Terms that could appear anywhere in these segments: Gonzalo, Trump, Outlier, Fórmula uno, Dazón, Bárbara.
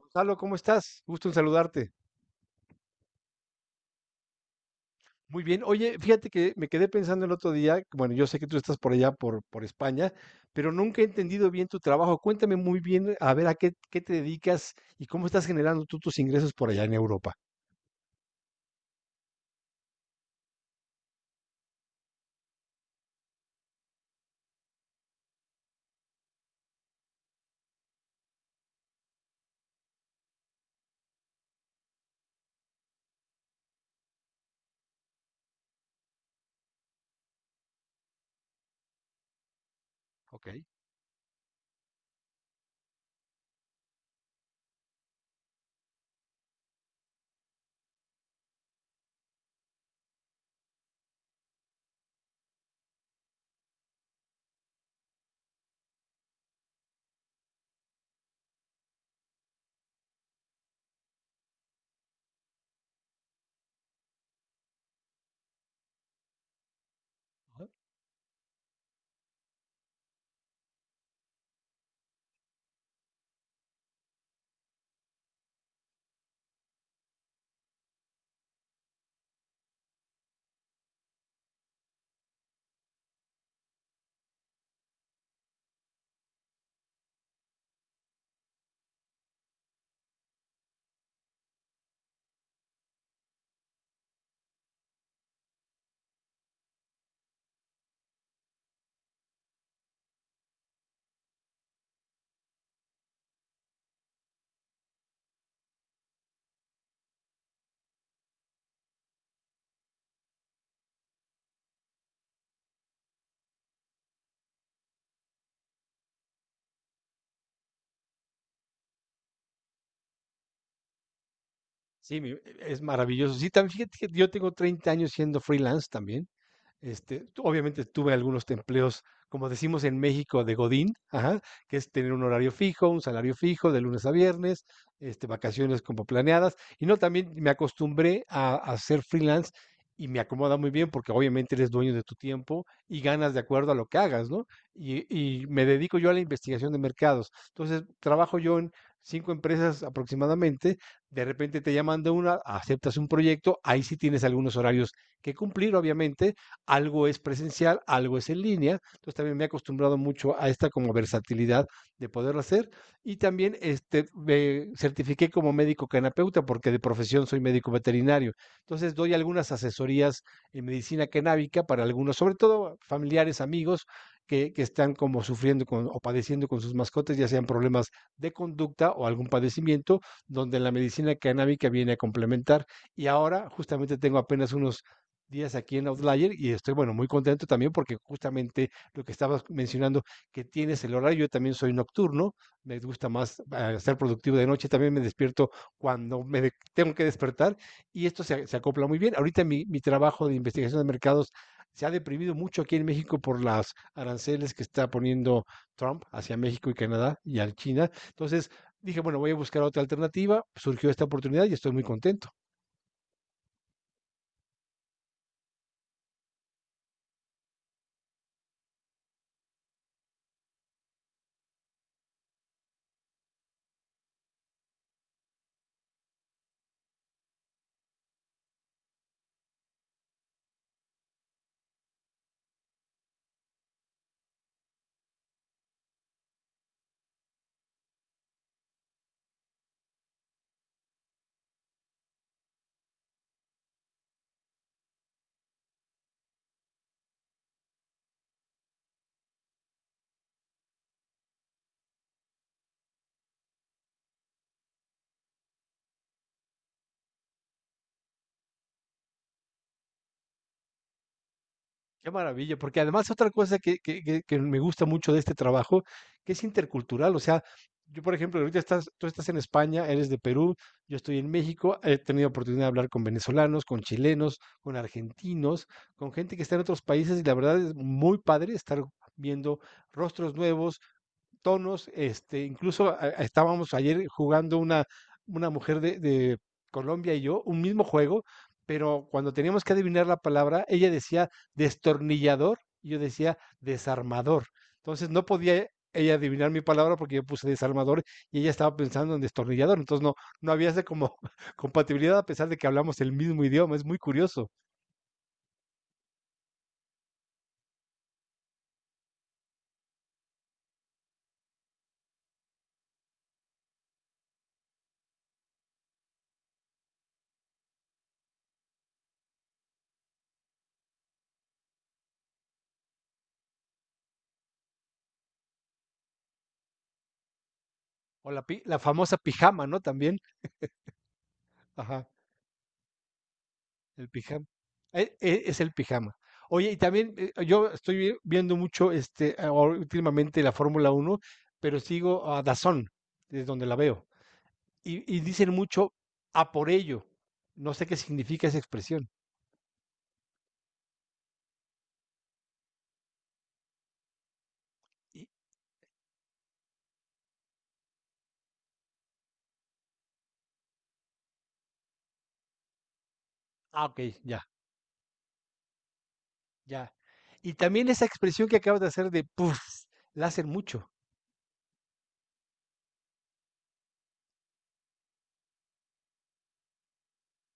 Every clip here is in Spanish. Gonzalo, ¿cómo estás? Gusto en saludarte. Muy bien. Oye, fíjate que me quedé pensando el otro día, bueno, yo sé que tú estás por allá, por España, pero nunca he entendido bien tu trabajo. Cuéntame muy bien, a ver, qué te dedicas y cómo estás generando tú tus ingresos por allá en Europa. Ok. Ajá. Sí, mi- es maravilloso. Sí, también fíjate que yo tengo 30 años siendo freelance también. Obviamente tuve algunos empleos, como decimos en México, de Godín, ajá, que es tener un horario fijo, un salario fijo de lunes a viernes, vacaciones como planeadas. Y no, también me acostumbré a ser freelance y me acomoda muy bien porque obviamente eres dueño de tu tiempo y ganas de acuerdo a lo que hagas, ¿no? Y, y me dedico yo a la investigación de mercados. Entonces, trabajo yo en 5 empresas aproximadamente, de repente te llaman de una, aceptas un proyecto, ahí sí tienes algunos horarios que cumplir, obviamente, algo es presencial, algo es en línea. Entonces también me he acostumbrado mucho a esta como versatilidad de poderlo hacer. Y también me certifiqué como médico canapeuta porque de profesión soy médico veterinario. Entonces doy algunas asesorías en medicina canábica para algunos, sobre todo familiares, amigos, están como sufriendo con, o padeciendo con sus mascotas, ya sean problemas de conducta o algún padecimiento, donde la medicina canábica viene a complementar. Y ahora justamente tengo apenas unos días aquí en Outlier y estoy, bueno, muy contento también porque justamente lo que estabas mencionando, que tienes el horario, yo también soy nocturno, me gusta más ser productivo de noche, también me despierto cuando tengo que despertar y se acopla muy bien. Ahorita mi trabajo de investigación de mercados se ha deprimido mucho aquí en México por las aranceles que está poniendo Trump hacia México y Canadá y a China. Entonces dije, bueno, voy a buscar otra alternativa, surgió esta oportunidad y estoy muy contento. Qué maravilla, porque además otra cosa que me gusta mucho de este trabajo, que es intercultural, o sea, yo por ejemplo, tú estás en España, eres de Perú, yo estoy en México, he tenido oportunidad de hablar con venezolanos, con chilenos, con argentinos, con gente que está en otros países y la verdad es muy padre estar viendo rostros nuevos, tonos, incluso estábamos ayer jugando una mujer de Colombia y yo, un mismo juego, pero cuando teníamos que adivinar la palabra, ella decía destornillador y yo decía desarmador. Entonces no podía ella adivinar mi palabra porque yo puse desarmador y ella estaba pensando en destornillador. Entonces no, no había esa como compatibilidad a pesar de que hablamos el mismo idioma. Es muy curioso. O la famosa pijama, ¿no? También. Ajá. El pijama. Es el pijama. Oye, y también yo estoy viendo mucho ahora últimamente la Fórmula 1, pero sigo a Dazón, es donde la veo. Y dicen mucho a por ello. No sé qué significa esa expresión. Y- ah, ok, ya. Y también esa expresión que acabas de hacer de puff, la hacen mucho.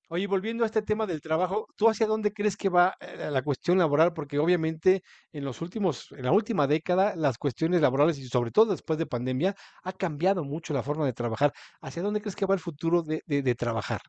Oye, y volviendo a este tema del trabajo, ¿tú hacia dónde crees que va, la cuestión laboral? Porque obviamente en la última década, las cuestiones laborales y sobre todo después de pandemia, ha cambiado mucho la forma de trabajar. ¿Hacia dónde crees que va el futuro de, de trabajar?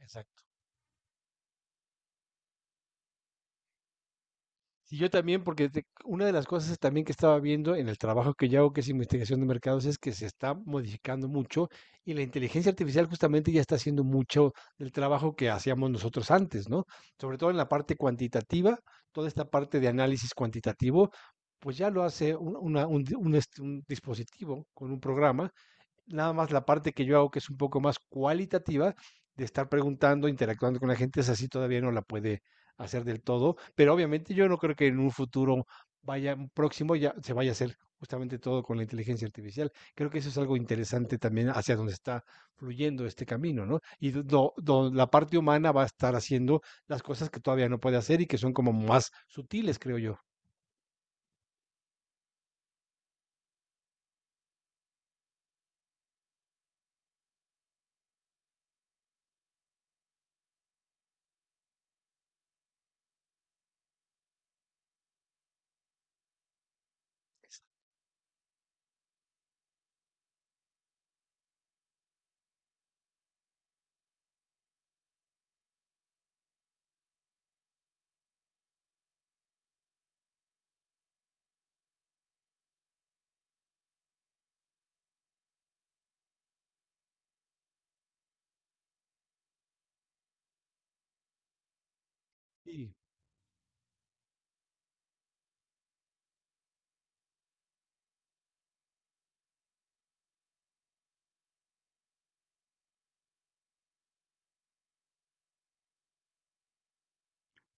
Exacto. Sí, yo también, porque una de las cosas también que estaba viendo en el trabajo que yo hago, que es investigación de mercados, es que se está modificando mucho y la inteligencia artificial justamente ya está haciendo mucho del trabajo que hacíamos nosotros antes, ¿no? Sobre todo en la parte cuantitativa, toda esta parte de análisis cuantitativo, pues ya lo hace un, una- un di- un este- un dispositivo con un programa. Nada más la parte que yo hago, que es un poco más cualitativa, de estar preguntando, interactuando con la gente, es así todavía no la puede hacer del todo, pero obviamente yo no creo que en un futuro vaya próximo ya se vaya a hacer justamente todo con la inteligencia artificial. Creo que eso es algo interesante también hacia donde está fluyendo este camino, ¿no? Y la parte humana va a estar haciendo las cosas que todavía no puede hacer y que son como más sutiles, creo yo. Sí.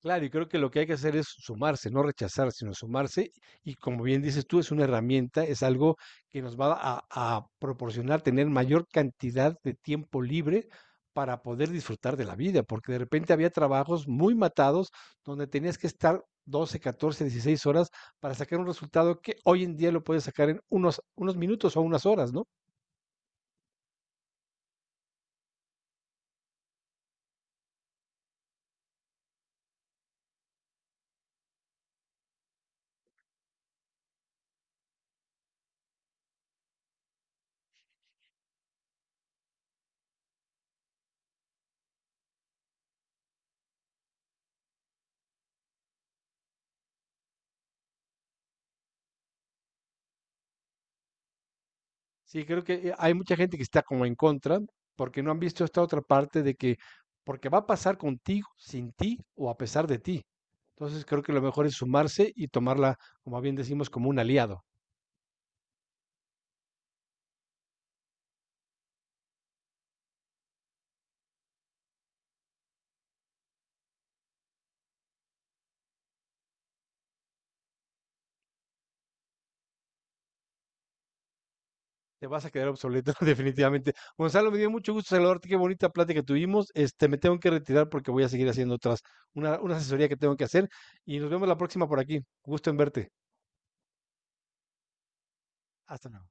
Claro, y creo que lo que hay que hacer es sumarse, no rechazar, sino sumarse. Y como bien dices tú, es una herramienta, es algo que nos va a proporcionar tener mayor cantidad de tiempo libre para poder disfrutar de la vida, porque de repente había trabajos muy matados donde tenías que estar 12, 14, 16 horas para sacar un resultado que hoy en día lo puedes sacar en unos minutos o unas horas, ¿no? Sí, creo que hay mucha gente que está como en contra porque no han visto esta otra parte de que porque va a pasar contigo, sin ti o a pesar de ti. Entonces creo que lo mejor es sumarse y tomarla, como bien decimos, como un aliado. Te vas a quedar obsoleto definitivamente. Gonzalo, me dio mucho gusto saludarte, qué bonita plática tuvimos. Me tengo que retirar porque voy a seguir haciendo otras, una asesoría que tengo que hacer y nos vemos la próxima por aquí. Gusto en verte. Hasta luego.